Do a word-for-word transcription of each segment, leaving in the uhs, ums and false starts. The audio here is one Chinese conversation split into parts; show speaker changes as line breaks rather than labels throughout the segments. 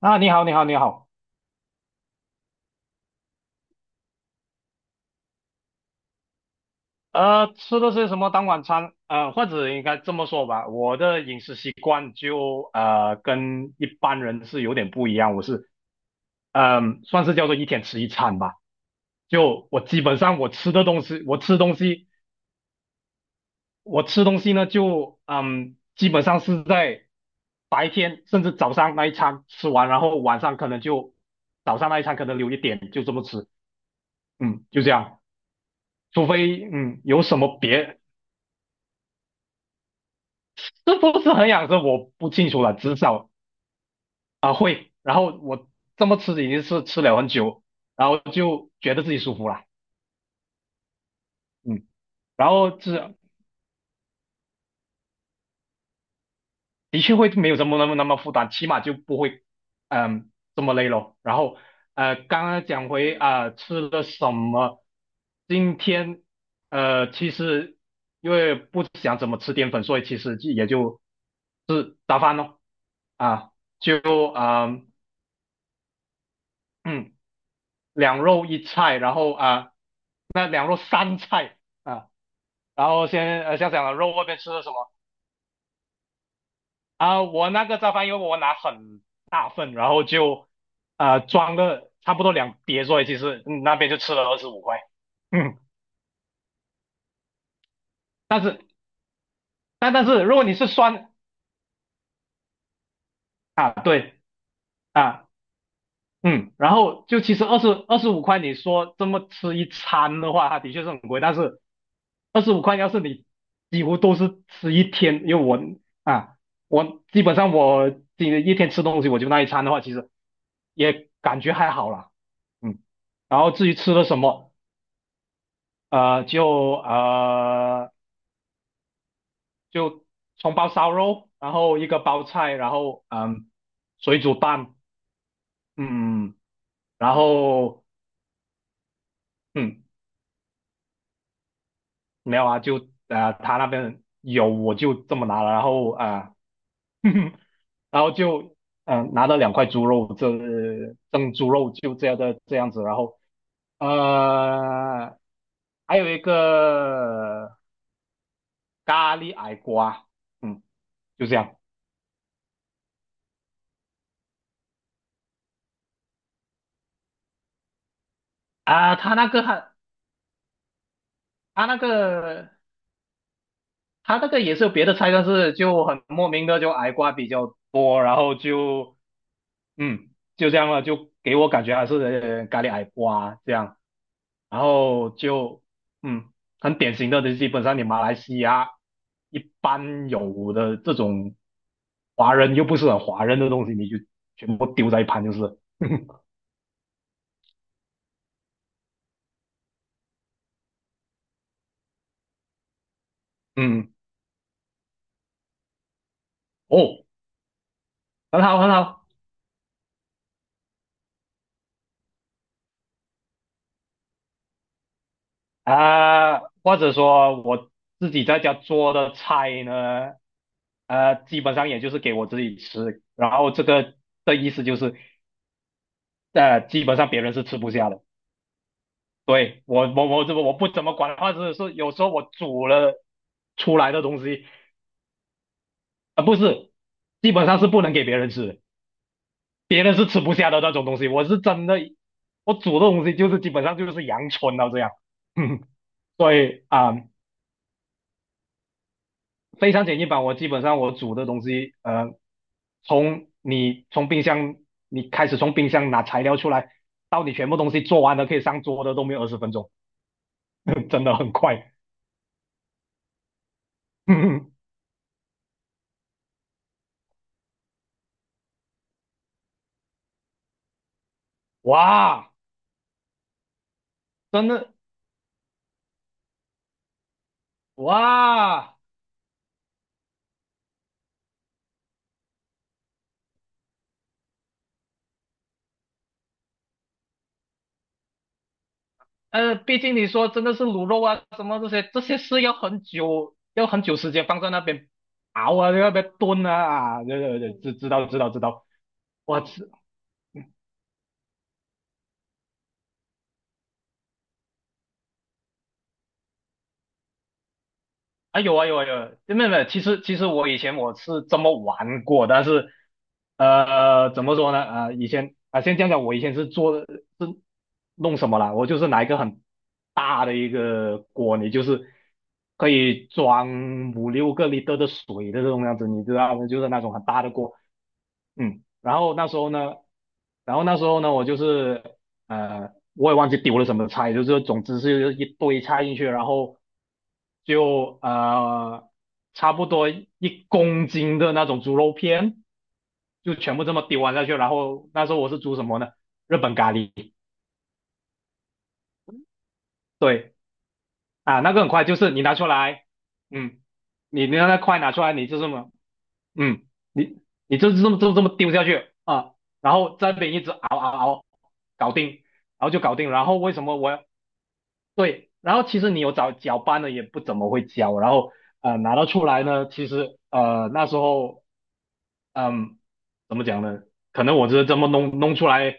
啊，你好，你好，你好。呃，吃的是什么当晚餐？呃，或者应该这么说吧，我的饮食习惯就呃跟一般人是有点不一样。我是嗯、算是叫做一天吃一餐吧。就我基本上我吃的东西，我吃东西，我吃东西呢，就嗯，基本上是在白天甚至早上那一餐吃完，然后晚上可能就早上那一餐可能留一点，就这么吃。嗯，就这样。除非嗯有什么别 是不是很养生我不清楚了，至少啊、呃会。然后我这么吃已经是吃了很久，然后就觉得自己舒服了，嗯，然后这的确会没有这么那么那么负担，起码就不会嗯呃这么累咯。然后呃，刚刚讲回啊、呃吃了什么，今天呃其实因为不想怎么吃淀粉，所以其实就也就是早饭咯，啊就啊嗯。两肉一菜，然后啊，那两肉三菜啊，然后先呃，像讲了肉外面吃的什么啊，我那个炸饭因为我拿很大份，然后就啊装了差不多两碟，所以其实嗯那边就吃了二十五块，嗯，但但是如果你是酸啊，对啊，嗯，然后就其实二十二十五块，你说这么吃一餐的话，它的确是很贵。但是二十五块，要是你几乎都是吃一天，因为我啊，我基本上我今一天吃东西我就那一餐的话，其实也感觉还好啦。嗯，然后至于吃了什么，呃，就呃就葱包烧肉，然后一个包菜，然后嗯水煮蛋，嗯，然后。嗯，没有啊，就呃他那边有我就这么拿了，然后啊、呃 然后就嗯、呃拿了两块猪肉，这蒸猪肉就这样的这样子，然后呃还有一个咖喱矮瓜，嗯，就这样啊、他那个他他那个他那个也是有别的菜，但是就很莫名的就矮瓜比较多，然后就嗯就这样了，就给我感觉还是呃咖喱矮瓜这样。然后就嗯，很典型的，就基本上你马来西亚一般有的这种华人又不是很华人的东西，你就全部丢在一旁就是了，嗯，哦，很好很好。啊、或者说我自己在家做的菜呢，呃，基本上也就是给我自己吃，然后这个的意思就是，呃，基本上别人是吃不下的。对，我我我怎么我不怎么管话是是有时候我煮了出来的东西啊、呃不是，基本上是不能给别人吃的别人是吃不下的那种东西。我是真的，我煮的东西就是基本上就是阳春到这样，嗯所以啊、非常简易版。我基本上我煮的东西，呃，从你从冰箱你开始从冰箱拿材料出来，到你全部东西做完了可以上桌的都没有二十分钟，真的很快。哇，真的哇，呃，毕竟你说真的是卤肉啊，什么这些这些是要很久，要很久时间放在那边熬啊，在那边炖啊，啊，对对对，知知道知道知道，我吃。啊，有啊有啊有啊，没有没有，其实其实我以前我是这么玩过，但是呃怎么说呢？啊、以前啊、先讲讲我以前是做是弄什么啦？我就是拿一个很大的一个锅，你就是可以装五六个 l i 的水的这种样子，你知道吗？就是那种很大的锅，嗯。然后那时候呢，然后那时候呢，我就是呃，我也忘记丢了什么菜，就是总之是一堆菜进去，然后就呃差不多一公斤的那种猪肉片，就全部这么丢完下去。然后那时候我是煮什么呢？日本咖喱，对啊，那个很快，就是你拿出来，嗯，你你那块拿出来，你就这么，嗯，你你就这么就这么丢下去啊，然后这边一直熬熬熬，搞定。然后就搞定。然后为什么我对，然后其实你有找搅拌的也不怎么会交，然后呃拿到出来呢，其实呃那时候嗯怎么讲呢？可能我是这么弄弄出来，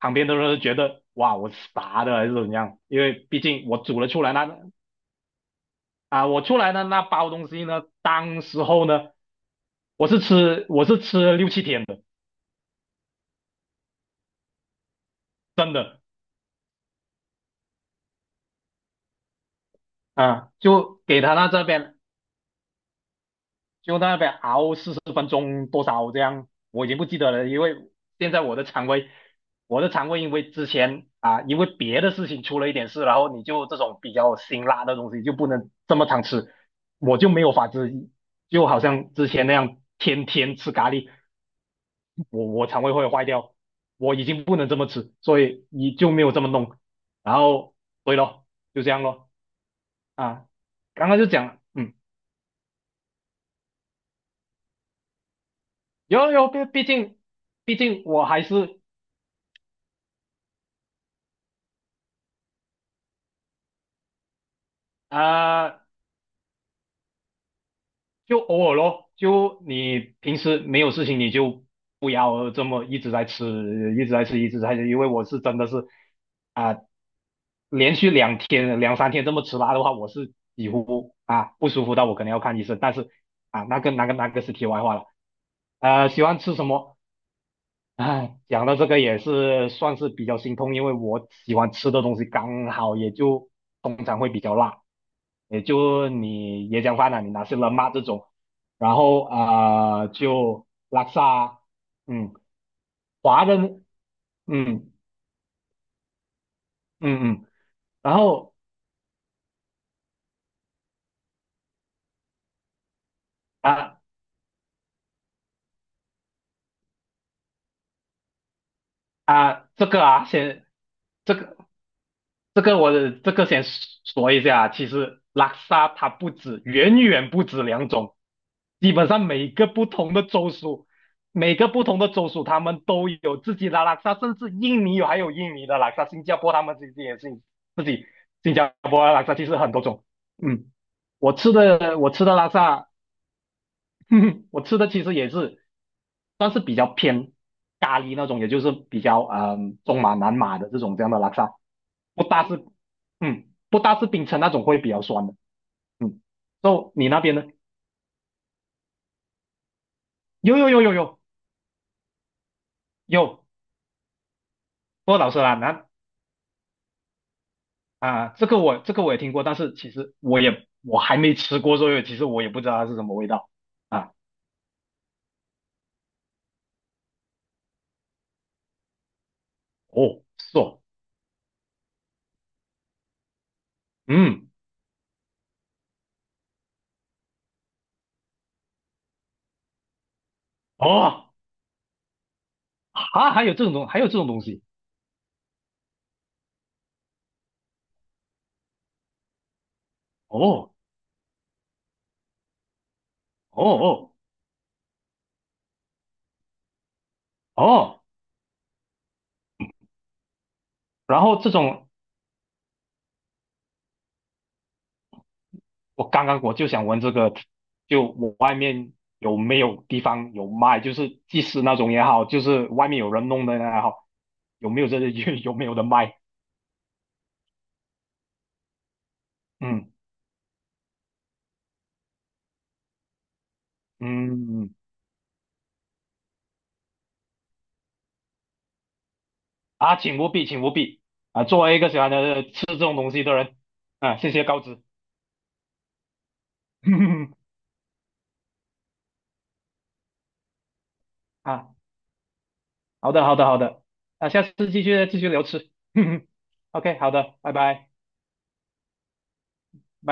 旁边的人都觉得哇我傻的还是怎样？因为毕竟我煮了出来那啊、我出来的那包东西呢，当时候呢我是吃我是吃了六七天的，真的啊、就给他那这边就在那边熬四十分钟多少这样，我已经不记得了，因为现在我的肠胃，我的肠胃因为之前啊，因为别的事情出了一点事，然后你就这种比较辛辣的东西就不能这么常吃，我就没有法子，就好像之前那样天天吃咖喱，我我肠胃会坏掉，我已经不能这么吃，所以你就没有这么弄，然后对咯，就这样咯啊，刚刚就讲，嗯，有有，毕毕竟毕竟我还是。啊、就偶尔咯，就你平时没有事情，你就不要这么一直在吃，一直在吃，一直在吃，因为我是真的是啊、连续两天、两三天这么吃辣的话，我是几乎啊不舒服到我可能要看医生，但是啊，那个那个那个是题外话了。呃，喜欢吃什么？哎，讲到这个也是算是比较心痛，因为我喜欢吃的东西刚好也就通常会比较辣。也就你椰浆饭啊，你拿些冷嘛这种，然后啊、呃就拉萨，嗯，华人，嗯嗯嗯，然后啊啊、这个啊先这个这个我这个先说一下，其实拉萨它不止，远远不止两种，基本上每个不同的州属，每个不同的州属他们都有自己的拉萨，甚至印尼有还有印尼的拉萨，新加坡他们自己也是自己新加坡的拉萨，其实很多种。嗯，我吃的我吃的拉萨，我吃的其实也是算是比较偏咖喱那种，也就是比较嗯、中马南马的这种这样的拉萨。不大是，嗯，不大是冰城那种会比较酸的，嗯。就你那边呢？有有有有有有，不过老实啦，那啊、这个我这个我也听过，但是其实我也我还没吃过，所以其实我也不知道它是什么味道啊。哦，是哦，嗯，哦，啊，还有这种东，还有这种东西，哦哦哦哦，然后这种我刚刚我就想问这个，就我外面有没有地方有卖，就是即食那种也好，就是外面有人弄的也好，有没有这些 有没有的卖？嗯嗯嗯啊，请务必，请务必啊！作为一个喜欢的吃这种东西的人，啊，谢谢告知。啊，好的，好的，好的，啊，下次继续继续聊吃。OK，好的，拜拜拜。